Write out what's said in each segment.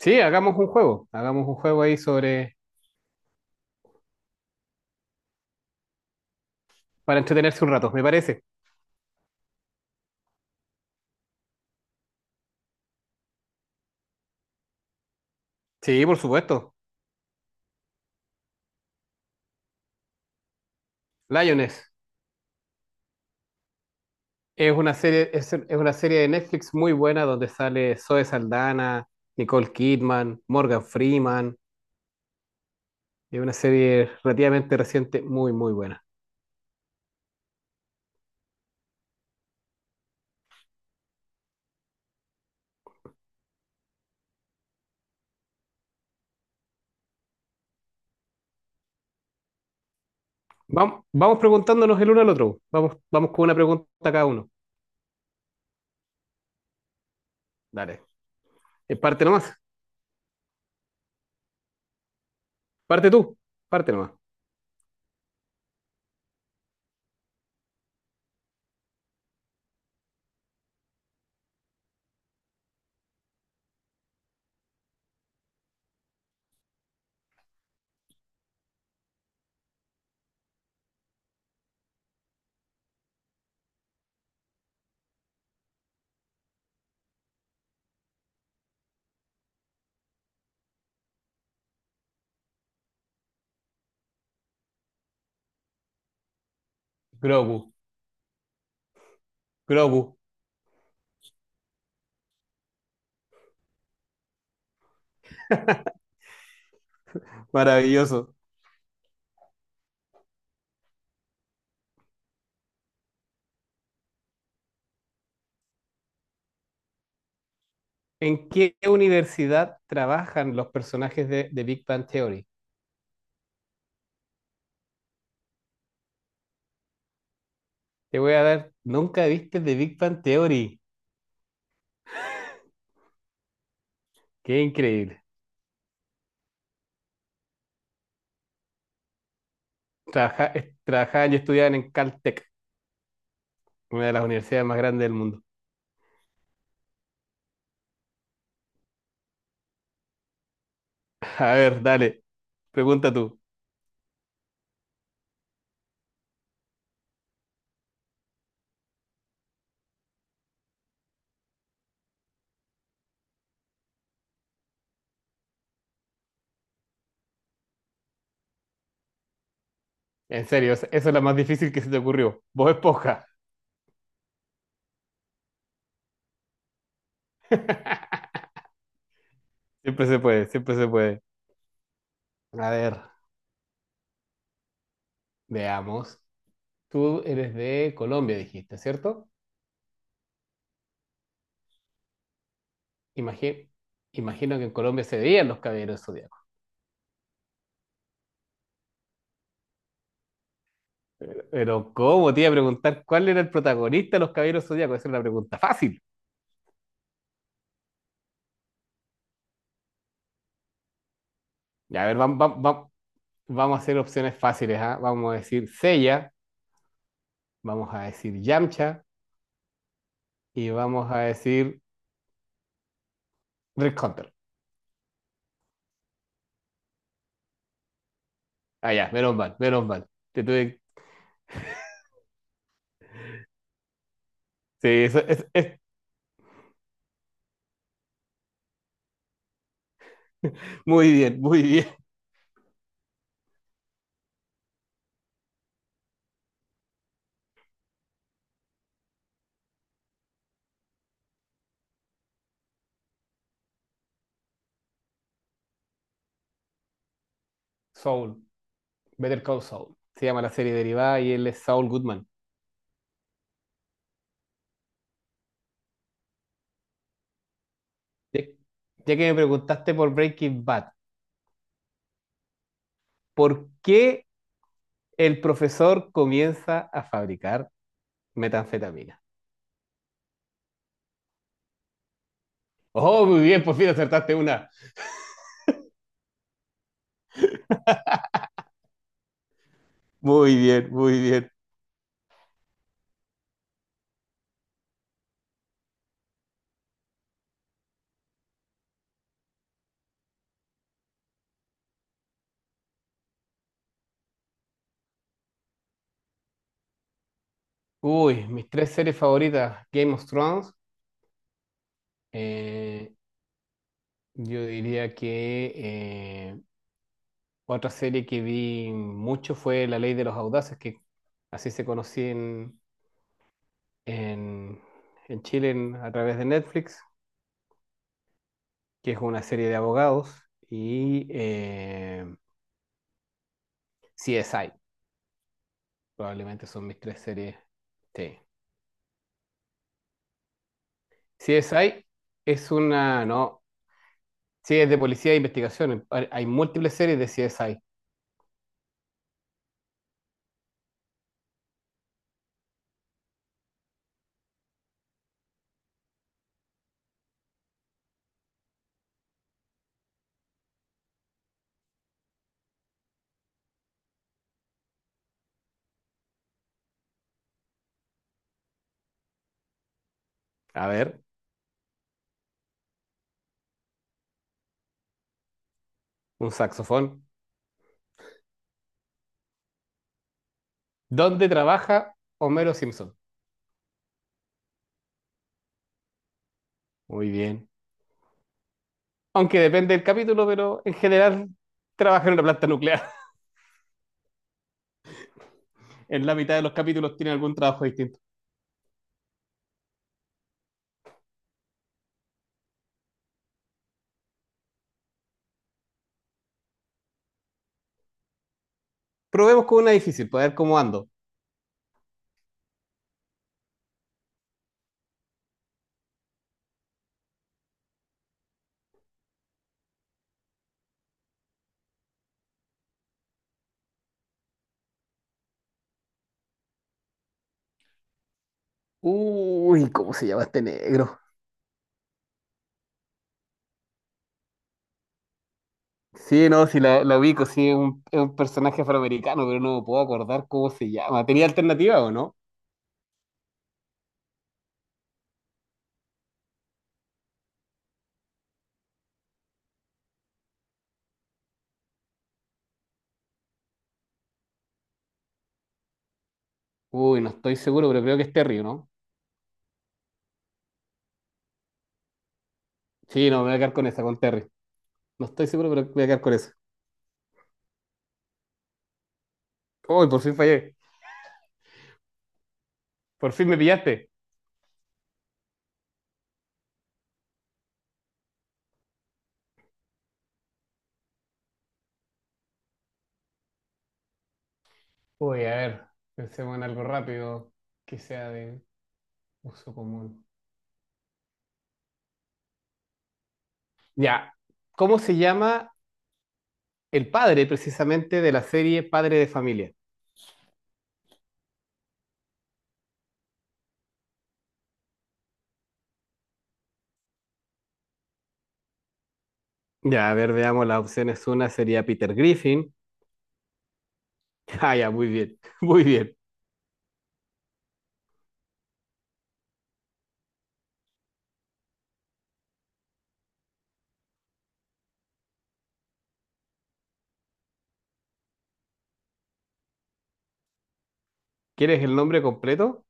Sí, hagamos un juego. Hagamos un juego ahí sobre... para entretenerse un rato, me parece. Sí, por supuesto. Lioness. Es una serie, es una serie de Netflix muy buena donde sale Zoe Saldana, Nicole Kidman, Morgan Freeman. Es una serie relativamente reciente, muy, muy buena. Vamos, vamos preguntándonos el uno al otro. Vamos, vamos con una pregunta cada uno. Dale. Parte nomás. Parte tú. Parte nomás. Grogu. Grogu. Maravilloso. ¿En qué universidad trabajan los personajes de Big Bang Theory? Te voy a dar, nunca viste The Big Bang Theory. Qué increíble. Trabajaban y estudiaban en Caltech, una de las universidades más grandes del mundo. A ver, dale, pregunta tú. En serio, eso es la más difícil que se te ocurrió. Vos esponja. Siempre se puede, siempre se puede. A ver, veamos. Tú eres de Colombia, dijiste, ¿cierto? Imagi- imagino que en Colombia se veían los caballeros. Pero ¿cómo? Te iba a preguntar cuál era el protagonista de los Caballeros Zodíacos. Esa es una pregunta fácil. Ya, a ver, vamos a hacer opciones fáciles, ¿ah? Vamos a decir Seiya, vamos a decir Yamcha y vamos a decir Rick Hunter. Ah, ya, menos mal, menos mal. Te tuve... Sí, eso Muy bien, muy bien. Soul, Better Call Saul. Se llama la serie derivada y él es Saul Goodman. Ya ya que me preguntaste por Breaking Bad, ¿por qué el profesor comienza a fabricar metanfetamina? Oh, muy bien, por fin acertaste una. Muy bien, muy bien. Uy, mis tres series favoritas, Game of Thrones. eh, yo diría que otra serie que vi mucho fue La Ley de los Audaces, que así se conocía en, en Chile a través de Netflix, que es una serie de abogados. Y CSI, probablemente son mis tres series. Sí. CSI es una, no. Sí, es de policía e investigación. Hay múltiples series de CSI. A ver, un saxofón. ¿Dónde trabaja Homero Simpson? Muy bien. Aunque depende del capítulo, pero en general trabaja en una planta nuclear. En la mitad de los capítulos tiene algún trabajo distinto. Probemos con una difícil, para ver cómo ando. Uy, ¿cómo se llama este negro? Sí, no, sí la ubico, sí, es un personaje afroamericano, pero no me puedo acordar cómo se llama. ¿Tenía alternativa o no? Uy, no estoy seguro, pero creo que es Terry, ¿no? Sí, no, me voy a quedar con esa, con Terry. No estoy seguro, pero voy a quedar con eso. ¡Oh, por fin fallé! ¡Por fin me pillaste! Uy, a ver, pensemos en algo rápido que sea de uso común. Ya, ¿cómo se llama el padre precisamente de la serie Padre de Familia? Ya, a ver, veamos las opciones. Una sería Peter Griffin. Ah, ya, muy bien, muy bien. ¿Quieres el nombre completo?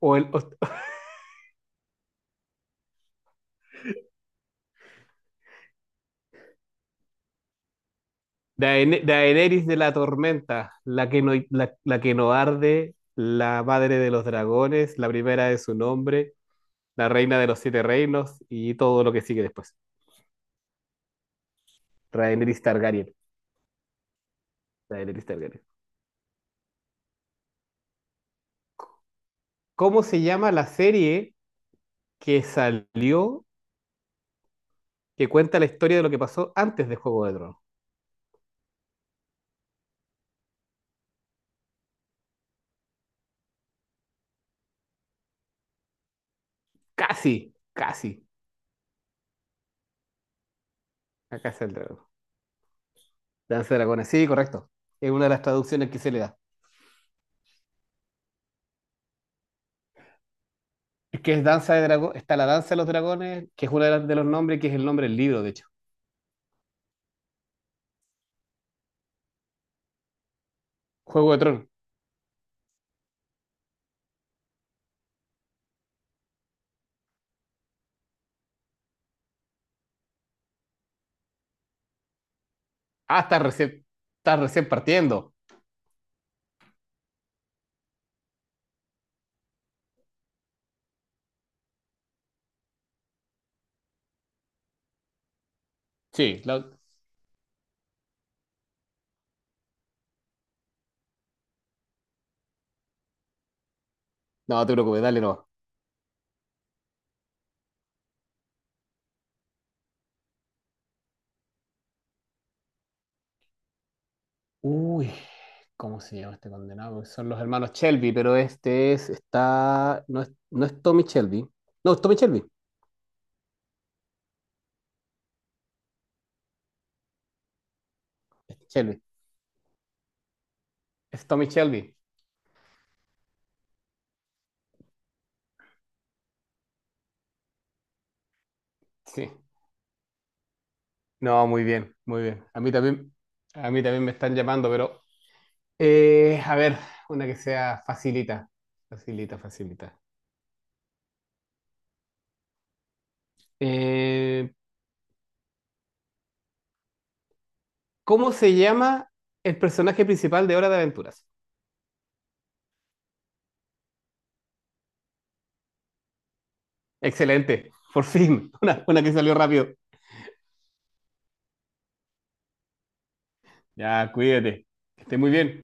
O el o- Daenerys de la Tormenta, la que no, la que no arde, la madre de los dragones, la primera de su nombre, la reina de los siete reinos y todo lo que sigue después. Rhaenys Targaryen. Rhaenys Targaryen. ¿Cómo se llama la serie que salió que cuenta la historia de lo que pasó antes de Juego de Tronos? Casi, casi. Acá es el dragón. Danza de dragones, sí, correcto. Es una de las traducciones que se le da. Es que es Danza de Dragón, está la Danza de los Dragones, que es uno de los nombres, que es el nombre del libro, de hecho. Juego de Tronos. Ah, estás recién partiendo. Sí, la- no te preocupes, dale no. Uy, ¿cómo se llama este condenado? Porque son los hermanos Shelby, pero este es, está, no es, no es Tommy Shelby. No, es Tommy Shelby. Es Shelby. Es Tommy Shelby. Sí. No, muy bien, muy bien. A mí también me están llamando, pero a ver, una que sea facilita, facilita, facilita. Eh, ¿Cómo se llama el personaje principal de Hora de Aventuras? Excelente, por fin, una que salió rápido. Ya, cuídate, que esté muy bien.